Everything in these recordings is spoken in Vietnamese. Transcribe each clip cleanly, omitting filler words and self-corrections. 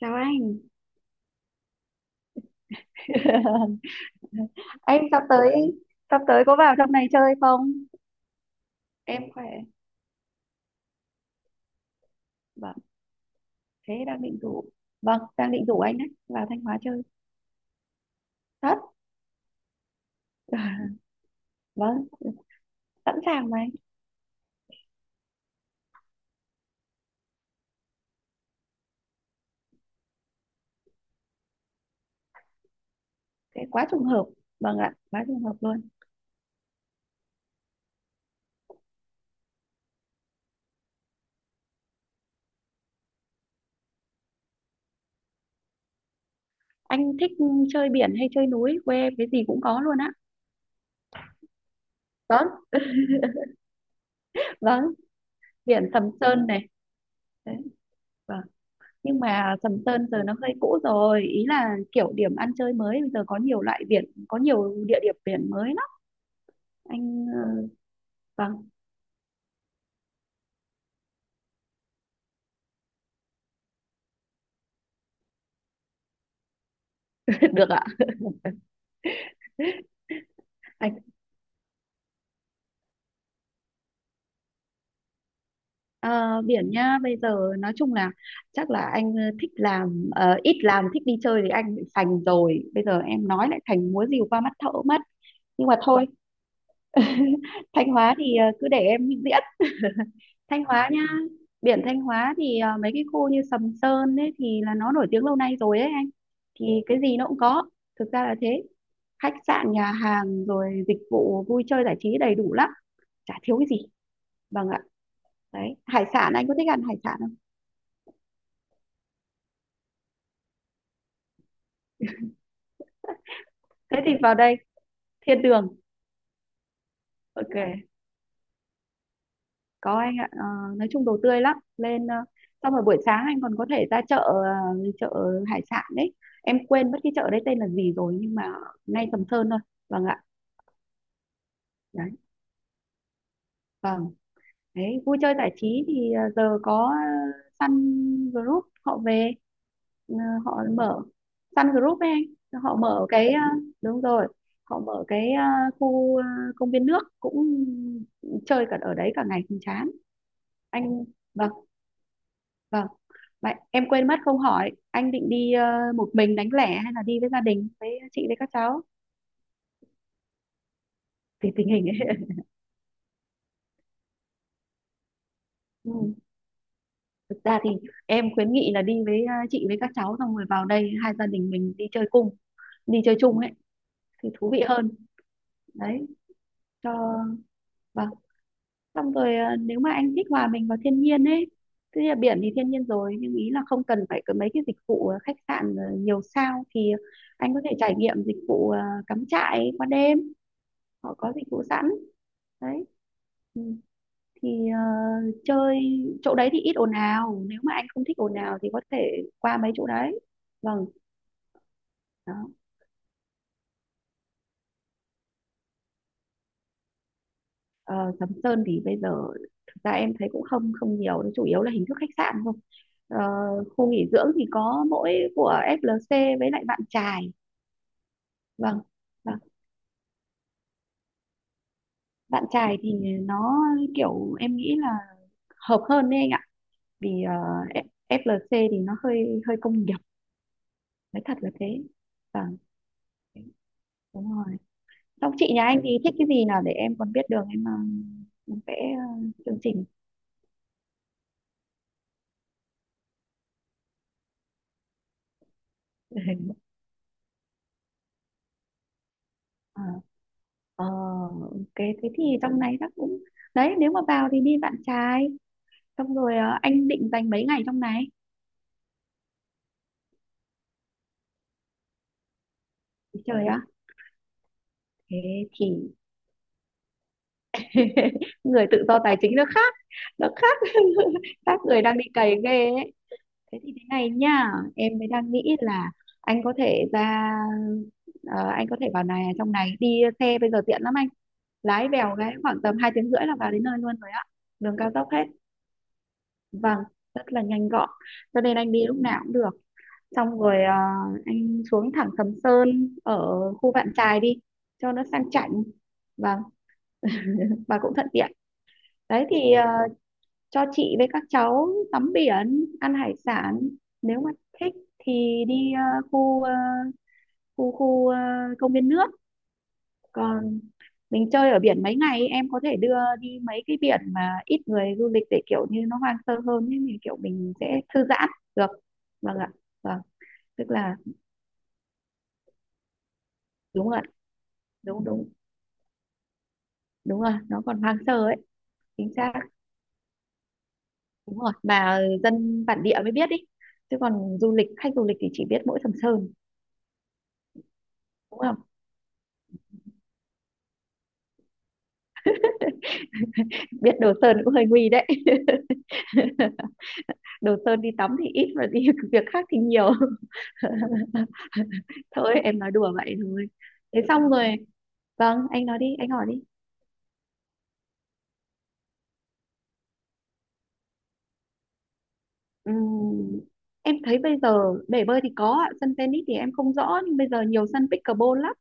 Chào anh. Anh sắp tới có vào trong này chơi không? Em khỏe. Vâng, thế đang định rủ. Vâng, đang định rủ anh đấy, vào Thanh Hóa chơi. Thật. À, Vâng, sẵn sàng mà anh. Thế quá trùng hợp. Vâng ạ, quá trùng hợp luôn. Anh thích chơi biển hay chơi núi? Quê em cái gì cũng có luôn á. Vâng, vâng, biển Sầm Sơn này. Đấy, vâng. Nhưng mà Sầm Sơn giờ nó hơi cũ rồi, ý là kiểu điểm ăn chơi mới bây giờ có nhiều loại biển, có nhiều địa điểm biển mới lắm. Anh ờ, Vâng, được ạ. Anh ờ, biển nhá, bây giờ nói chung là chắc là anh thích làm ít làm thích đi chơi thì anh bị sành rồi. Bây giờ em nói lại thành múa rìu qua mắt thợ mất. Nhưng mà thôi. Thanh Hóa thì cứ để em diễn Thanh Hóa nhá. Biển Thanh Hóa thì mấy cái khu như Sầm Sơn ấy thì là nó nổi tiếng lâu nay rồi ấy anh. Thì cái gì nó cũng có. Thực ra là thế. Khách sạn, nhà hàng rồi dịch vụ vui chơi giải trí đầy đủ lắm, chả thiếu cái gì. Vâng ạ. Đấy hải sản anh có thích ăn hải sản không? Thế thì vào đây thiên đường. Ok, có anh ạ. Ờ, nói chung đồ tươi lắm lên, xong rồi buổi sáng anh còn có thể ra chợ, chợ hải sản đấy, em quên mất cái chợ đấy tên là gì rồi nhưng mà ngay Sầm Sơn thôi. Vâng ạ. Đấy, vâng. Đấy vui chơi giải trí thì giờ có, Sun Group họ về, ờ, họ mở Sun Group ấy anh, họ mở cái, đúng rồi, họ mở cái, khu công viên nước, cũng chơi cả ở đấy cả ngày không chán. Anh, vâng, vâng. Vậy em quên mất không hỏi anh định đi, một mình đánh lẻ hay là đi với gia đình với chị với các cháu thì tình hình ấy. Ừ. Thực ra thì em khuyến nghị là đi với, chị với các cháu xong rồi vào đây hai gia đình mình đi chơi cùng, đi chơi chung ấy thì thú vị hơn đấy, cho vâng. Xong rồi nếu mà anh thích hòa mình vào thiên nhiên ấy, tức là biển thì thiên nhiên rồi nhưng ý là không cần phải có mấy cái dịch vụ, khách sạn, nhiều sao, thì anh có thể trải nghiệm dịch vụ, cắm trại qua đêm, họ có dịch vụ sẵn đấy. Ừ, thì chơi chỗ đấy thì ít ồn ào, nếu mà anh không thích ồn ào thì có thể qua mấy chỗ đấy. Vâng. Đó. Ờ, Sầm Sơn thì bây giờ thực ra em thấy cũng không không nhiều, nó chủ yếu là hình thức khách sạn thôi. Ờ, khu nghỉ dưỡng thì có mỗi của FLC với lại Vạn Chài. Vâng, vâng. Vạn Chài thì nó kiểu em nghĩ là hợp hơn đấy anh ạ. Vì F- FLC thì nó hơi hơi công nghiệp, nói thật là thế. Vâng, đúng rồi. Xong chị nhà anh thì thích cái gì nào để em còn biết đường em, em vẽ, chương trình. Ờ. Ờ, ok thế thì trong này chắc cũng đấy, nếu mà vào thì đi bạn trai xong rồi, anh định dành mấy ngày trong này. Trời ạ thế thì người tự do tài chính nó khác, nó khác. Các người đang bị cày ghê ấy. Thế thì thế này nhá, em mới đang nghĩ là anh có thể ra, anh có thể vào này, trong này đi xe bây giờ tiện lắm anh, lái vèo cái khoảng tầm 2 tiếng rưỡi là vào đến nơi luôn rồi ạ. Đường cao tốc hết. Vâng rất là nhanh gọn cho nên anh đi lúc nào cũng được. Xong rồi anh xuống thẳng Sầm Sơn ở khu Vạn Chài đi cho nó sang chảnh, và và cũng thuận tiện. Đấy thì cho chị với các cháu tắm biển ăn hải sản, nếu mà thích thì đi, ờ, khu khu ờ, công viên nước. Còn mình chơi ở biển mấy ngày em có thể đưa đi mấy cái biển mà ít người du lịch để kiểu như nó hoang sơ hơn ấy, mình kiểu mình sẽ thư giãn được. Vâng ạ. Vâng. Tức là đúng rồi ạ, đúng đúng đúng rồi nó còn hoang sơ ấy. Chính xác đúng rồi, mà dân bản địa mới biết đi chứ còn du lịch, khách du lịch thì chỉ biết mỗi Sầm Sơn đúng không. Biết Đồ Sơn cũng hơi nguy đấy. Đồ Sơn đi tắm thì ít và đi việc khác thì nhiều. Thôi em nói đùa vậy thôi. Thế xong rồi vâng anh nói đi, anh hỏi đi. Ừm, em thấy bây giờ bể bơi thì có ạ, sân tennis thì em không rõ nhưng bây giờ nhiều sân pickleball lắm.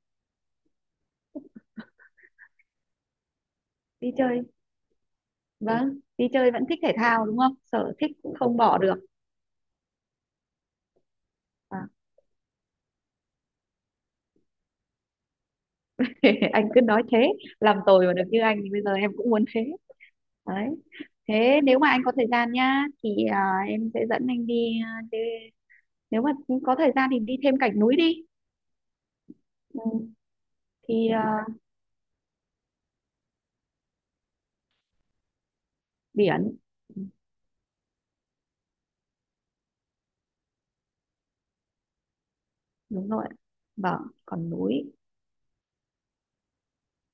Đi chơi, vâng đi chơi vẫn thích thể thao đúng không, sở thích cũng không bỏ được. Ờ, anh cứ nói thế. Làm tồi mà được như anh thì bây giờ em cũng muốn thế đấy. Thế nếu mà anh có thời gian nhá thì em sẽ dẫn anh đi, đi nếu mà có thời gian thì đi thêm cảnh núi đi. Ừ. Thì biển. Ừ, đúng rồi vâng còn núi.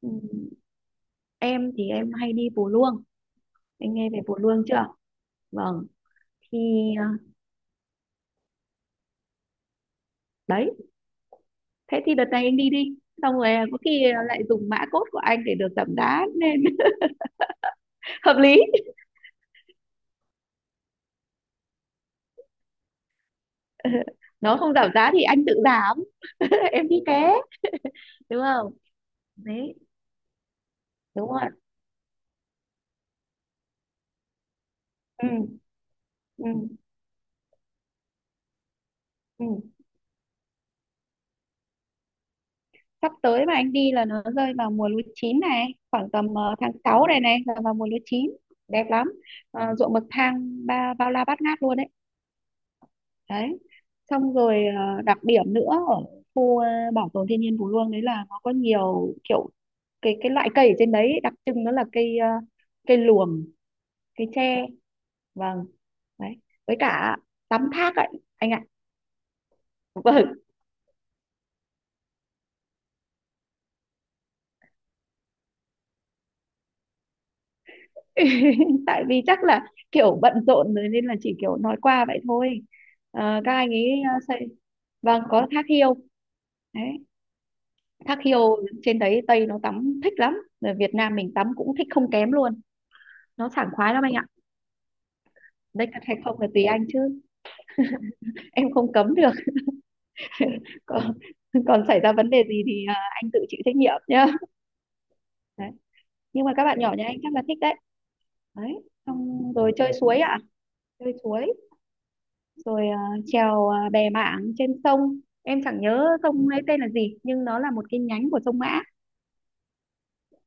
Ừ. Em thì em hay đi Pù Luông. Anh nghe về Pù Luông chưa. Vâng thì à, đấy thế thì đợt này anh đi đi, xong rồi có khi lại dùng mã code của anh để được giảm giá nên hợp lý. Nó không giảm giá thì anh tự giảm. Em đi ké đúng không đấy đúng rồi. Ừ, ừ, ừ. Sắp tới mà anh đi là nó rơi vào mùa lúa chín này, khoảng tầm tháng 6 này này là vào mùa lúa chín đẹp lắm. Ờ, ruộng bậc thang ba bao la bát ngát luôn đấy. Đấy xong rồi đặc điểm nữa ở khu, bảo tồn thiên nhiên Phú Luông đấy là nó có nhiều kiểu, cái loại cây ở trên đấy đặc trưng nó là cây, cây luồng, cây tre. Vâng. Đấy với cả tắm thác ấy anh ạ. Vâng tại vì chắc là kiểu bận rộn rồi nên là chỉ kiểu nói qua vậy thôi. Ờ, các anh ấy xây. Vâng có thác hiêu đấy, thác hiêu trên đấy Tây nó tắm thích lắm, rồi Việt Nam mình tắm cũng thích không kém luôn, nó sảng khoái lắm anh ạ. Đấy thật hay không là tùy anh chứ, em không cấm được. còn còn xảy ra vấn đề gì thì, anh tự chịu trách nhiệm nhá. Đấy. Nhưng mà các bạn nhỏ nhà anh chắc là thích đấy. Đấy xong rồi chơi suối ạ, chơi suối, rồi chèo bè mảng trên sông, em chẳng nhớ sông ấy tên là gì nhưng nó là một cái nhánh của sông Mã.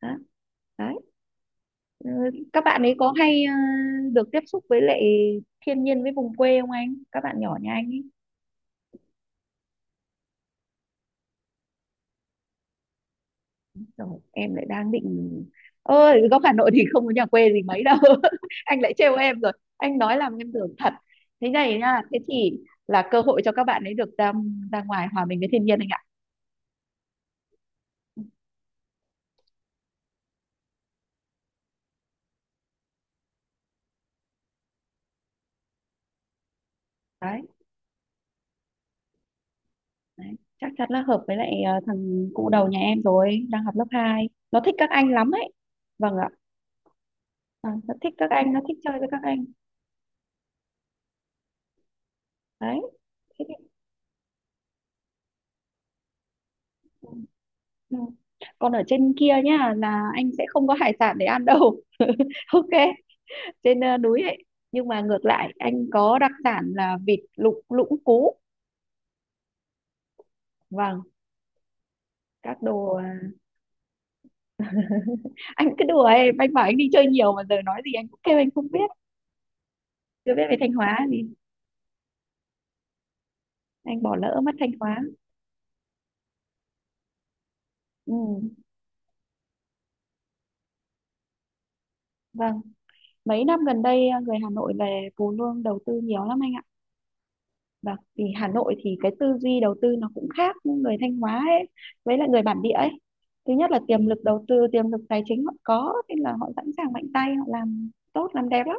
Đó. Đấy. Ừ, các bạn ấy có hay được tiếp xúc với lại thiên nhiên với vùng quê không anh, các bạn nhỏ nhà anh ấy, rồi em lại đang định, ơi góc Hà Nội thì không có nhà quê gì mấy đâu. Anh lại trêu em rồi, anh nói làm em tưởng thật. Thế này nha thế thì là cơ hội cho các bạn ấy được ra, ra ngoài hòa mình với thiên nhiên anh ạ. Đấy. Đấy, chắc chắn là hợp với lại, thằng cụ đầu nhà em rồi đang học lớp 2 nó thích các anh lắm ấy. Vâng ạ. À, nó thích các anh, nó thích chơi với các anh. Đấy. Thế thì- Ừ. Ừ. Còn ở trên kia nhá là anh sẽ không có hải sản để ăn đâu. Ok, trên núi ấy nhưng mà ngược lại anh có đặc sản là vịt lục lũng cú. Vâng các đồ, anh cứ đùa em, anh bảo anh đi chơi nhiều mà giờ nói gì anh cũng kêu anh không biết, chưa biết về Thanh Hóa thì anh bỏ lỡ mất Thanh Hóa. Ừ vâng. Mấy năm gần đây người Hà Nội về Phú Lương đầu tư nhiều lắm anh ạ. Và vì Hà Nội thì cái tư duy đầu tư nó cũng khác người Thanh Hóa ấy, với lại người bản địa ấy. Thứ nhất là tiềm lực đầu tư, tiềm lực tài chính họ có nên là họ sẵn sàng mạnh tay, họ làm tốt làm đẹp lắm.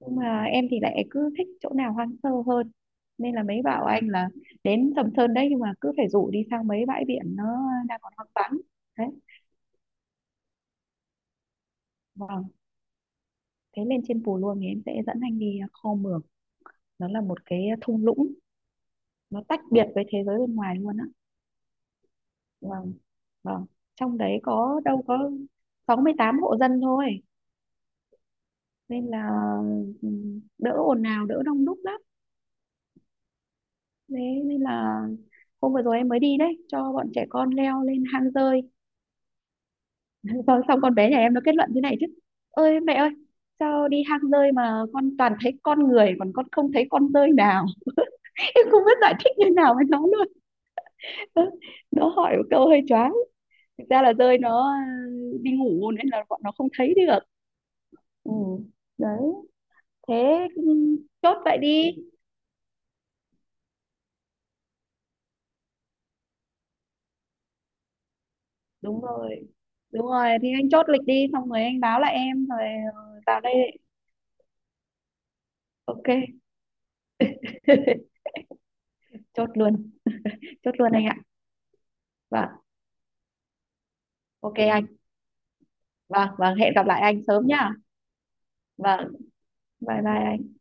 Nhưng mà em thì lại cứ thích chỗ nào hoang sơ hơn nên là mấy bảo anh là đến Sầm Sơn đấy nhưng mà cứ phải rủ đi sang mấy bãi biển nó đang còn hoang vắng. Đấy. Vâng. Thế lên trên Pù Luông thì em sẽ dẫn anh đi Kho Mường, nó là một cái thung lũng, nó tách biệt với thế giới bên ngoài luôn á. Vâng. Vâng. Trong đấy có đâu có 68 hộ dân thôi, nên là đỡ ồn ào đỡ đông đúc lắm, thế nên là hôm vừa rồi em mới đi đấy cho bọn trẻ con leo lên hang rơi, xong, xong con bé nhà em nó kết luận thế này chứ, ơi mẹ ơi, sao đi hang rơi mà con toàn thấy con người còn con không thấy con rơi nào. Em không biết giải thích như nào với nó luôn. Nó hỏi một câu hơi choáng. Thực ra là rơi nó đi ngủ nên là bọn nó không thấy được. Ừ đấy thế, ừ, chốt vậy đi. Đúng rồi đúng rồi thì anh chốt lịch đi, xong rồi anh báo lại em rồi, vào đây ok. Chốt luôn. Chốt luôn anh ạ. Vâng. Ok anh. Vâng vâng hẹn gặp lại anh sớm nhá. Vâng bye bye anh.